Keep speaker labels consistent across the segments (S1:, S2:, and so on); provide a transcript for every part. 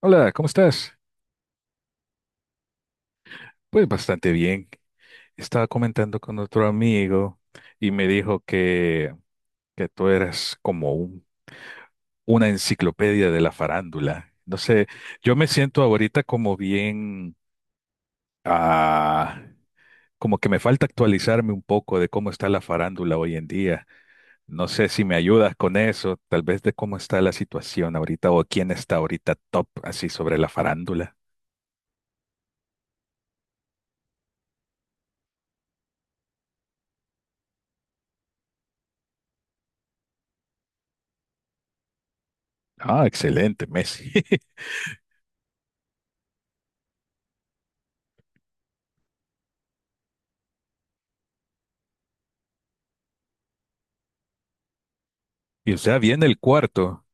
S1: Hola, ¿cómo estás? Pues bastante bien. Estaba comentando con otro amigo y me dijo que tú eras como una enciclopedia de la farándula. No sé, yo me siento ahorita como bien, ah, como que me falta actualizarme un poco de cómo está la farándula hoy en día. No sé si me ayudas con eso, tal vez de cómo está la situación ahorita o quién está ahorita top así sobre la farándula. Ah, excelente, Messi. Y o sea, viene el cuarto.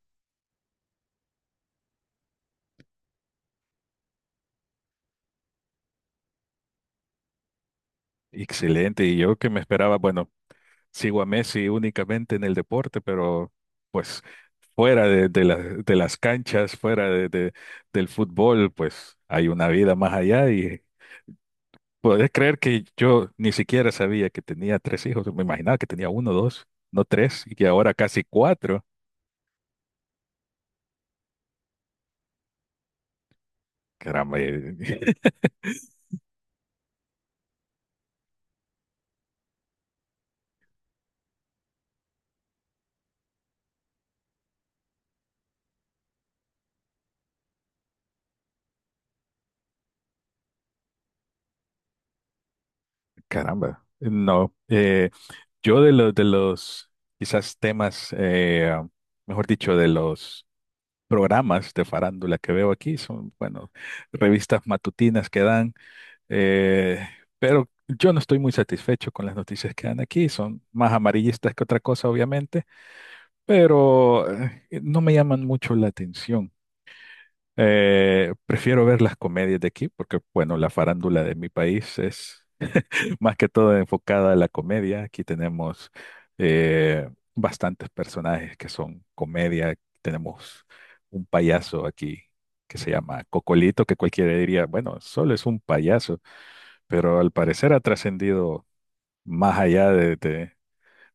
S1: Excelente, y yo que me esperaba, bueno, sigo a Messi únicamente en el deporte, pero pues fuera de las canchas, del fútbol, pues hay una vida más allá y podés creer que yo ni siquiera sabía que tenía tres hijos, me imaginaba que tenía uno, dos, no tres, y que ahora casi cuatro. Caramba, caramba. No, yo de los quizás temas, mejor dicho, de los programas de farándula que veo aquí, son, bueno, revistas matutinas que dan, eh, pero yo no estoy muy satisfecho con las noticias que dan aquí, son más amarillistas que otra cosa, obviamente, pero no me llaman mucho la atención. Prefiero ver las comedias de aquí porque, bueno, la farándula de mi país es más que todo enfocada a la comedia. Aquí tenemos eh, bastantes personajes que son comedia. Tenemos un payaso aquí que se llama Cocolito, que cualquiera diría, bueno, solo es un payaso, pero al parecer ha trascendido más allá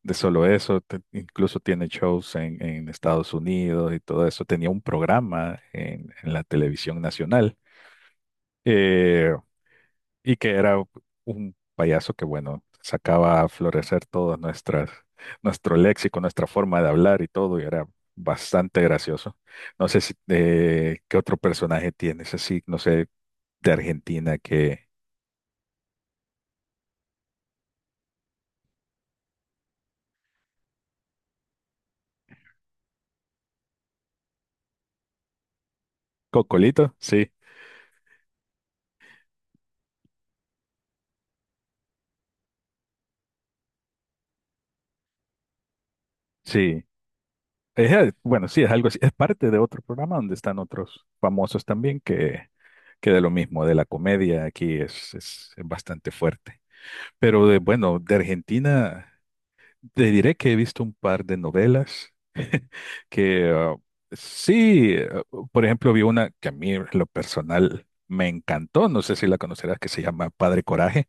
S1: de solo eso. Incluso tiene shows en Estados Unidos y todo eso. Tenía un programa en la televisión nacional. Eh, y que era un payaso que, bueno, sacaba a florecer todo nuestras, nuestro léxico, nuestra forma de hablar y todo, y era bastante gracioso. No sé si, qué otro personaje tienes así, no sé, de Argentina que... Cocolito, sí, sí. Es, bueno, sí, es algo así. Es parte de otro programa donde están otros famosos también que de lo mismo, de la comedia, aquí es bastante fuerte. Pero de, bueno, de Argentina... Te diré que he visto un par de novelas. Que sí, por ejemplo, vi una que a mí en lo personal me encantó, no sé si la conocerás, que se llama Padre Coraje.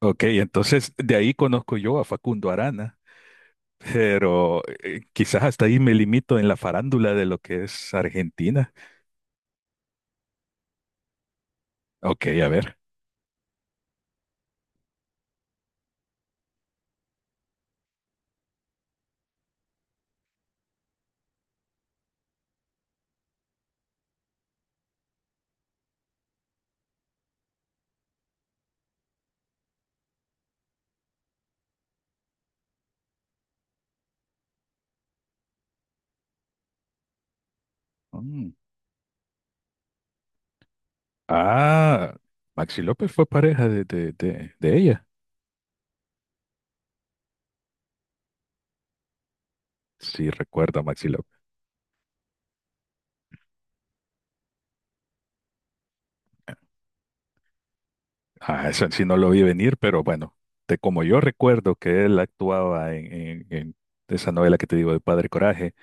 S1: Ok, entonces de ahí conozco yo a Facundo Arana, pero quizás hasta ahí me limito en la farándula de lo que es Argentina. Ok, a ver. Mm. Ah, Maxi López fue pareja de ella. Sí, recuerdo a Maxi López. Ah, eso sí no lo vi venir, pero bueno, de como yo recuerdo que él actuaba en esa novela que te digo de Padre Coraje,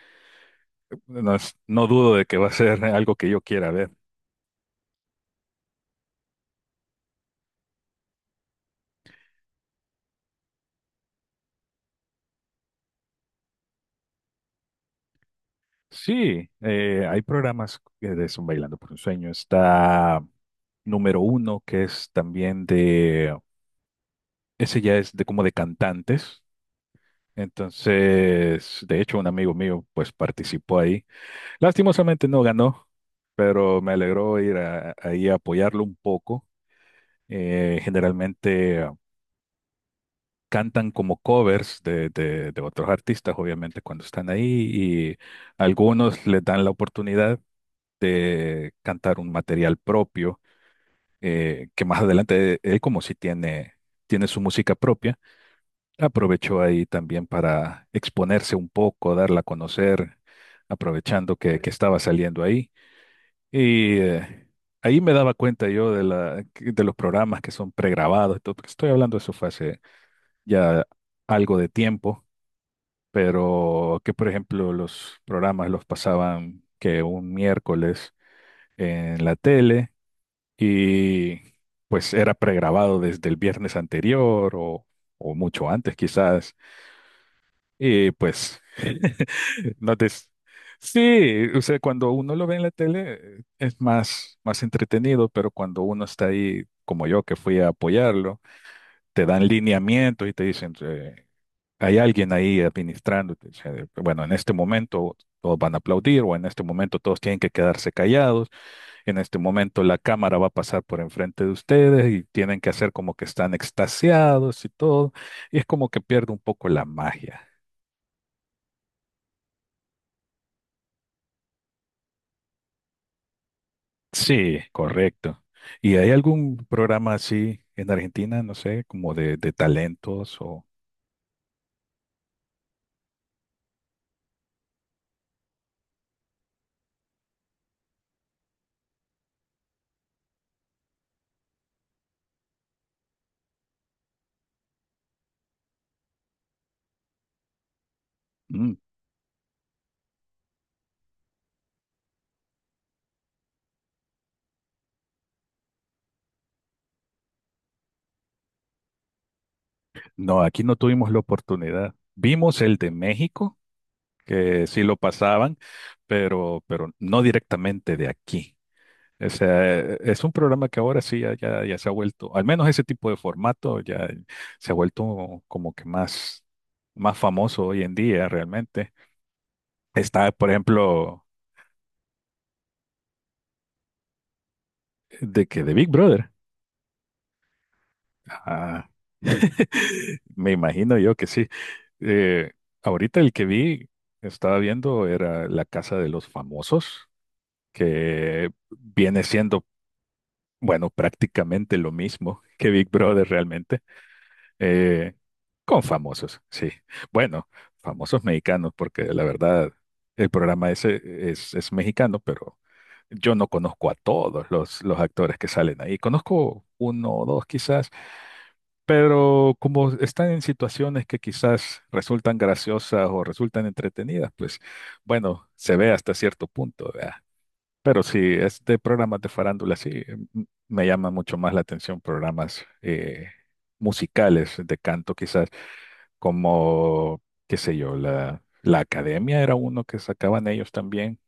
S1: no, no dudo de que va a ser algo que yo quiera ver. Sí, hay programas que de son Bailando por un Sueño. Está número uno, que es también de, ese ya es de como de cantantes. Entonces, de hecho, un amigo mío pues participó ahí. Lastimosamente no ganó, pero me alegró ir ahí a apoyarlo un poco. Generalmente cantan como covers de otros artistas, obviamente, cuando están ahí, y algunos les dan la oportunidad de cantar un material propio, que más adelante él, como si tiene, tiene su música propia, aprovechó ahí también para exponerse un poco, darla a conocer, aprovechando que estaba saliendo ahí. Y ahí me daba cuenta yo de la, de los programas que son pregrabados, y todo, porque estoy hablando de eso fue hace ya algo de tiempo, pero que por ejemplo los programas los pasaban que un miércoles en la tele y pues era pregrabado desde el viernes anterior o mucho antes quizás y pues no te... Sí, o sea, cuando uno lo ve en la tele es más, más entretenido, pero cuando uno está ahí, como yo, que fui a apoyarlo, te dan lineamientos y te dicen, hay alguien ahí administrándote. O sea, bueno, en este momento todos van a aplaudir o en este momento todos tienen que quedarse callados. En este momento la cámara va a pasar por enfrente de ustedes y tienen que hacer como que están extasiados y todo. Y es como que pierde un poco la magia. Sí, correcto. ¿Y hay algún programa así en Argentina? No sé, como de talentos o... Mm. No, aquí no tuvimos la oportunidad. Vimos el de México que sí lo pasaban, pero no directamente de aquí. O sea, es un programa que ahora sí ya se ha vuelto, al menos ese tipo de formato ya se ha vuelto como que más, más famoso hoy en día realmente. Está, por ejemplo, de que de Big Brother. Ah, me imagino yo que sí. Eh, Ahorita el que vi, estaba viendo, era La Casa de los Famosos, que viene siendo bueno, prácticamente lo mismo que Big Brother realmente, eh, con famosos, sí. Bueno, famosos mexicanos, porque la verdad el programa ese es mexicano, pero yo no conozco a todos los actores que salen ahí. Conozco uno o dos quizás, pero como están en situaciones que quizás resultan graciosas o resultan entretenidas, pues bueno, se ve hasta cierto punto, ¿verdad? Pero si es de programas de farándula, sí, me llama mucho más la atención programas musicales de canto, quizás, como, qué sé yo, la Academia era uno que sacaban ellos también,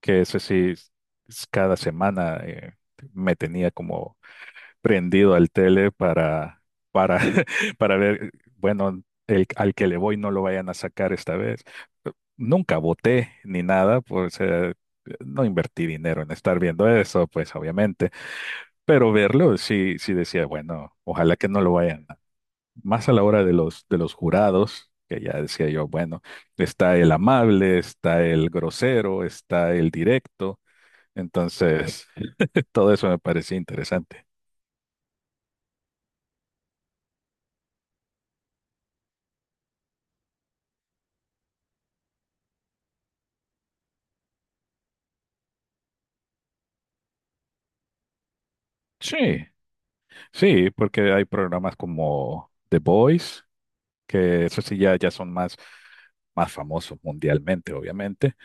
S1: que ese sí, cada semana me tenía como prendido al tele para, para ver, bueno, el, al que le voy no lo vayan a sacar esta vez. Nunca voté ni nada, pues no invertí dinero en estar viendo eso, pues obviamente, pero verlo sí, sí decía, bueno, ojalá que no lo vayan. Más a la hora de de los jurados, que ya decía yo, bueno, está el amable, está el grosero, está el directo, entonces todo eso me parecía interesante. Sí, sí, porque hay programas como The Voice, que eso sí ya son más, más famosos mundialmente, obviamente,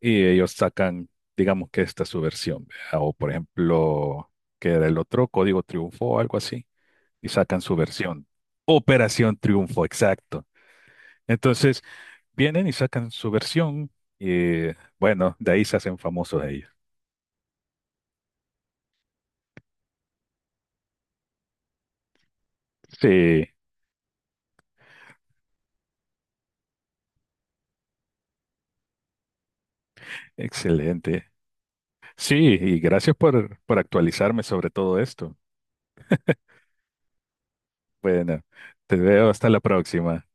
S1: y ellos sacan, digamos que esta es su versión, ¿verdad? O por ejemplo, que era el otro, Código Triunfo o algo así, y sacan su versión. Operación Triunfo, exacto. Entonces, vienen y sacan su versión y bueno, de ahí se hacen famosos ellos. Sí, excelente. Sí, y gracias por actualizarme sobre todo esto. Bueno, te veo hasta la próxima.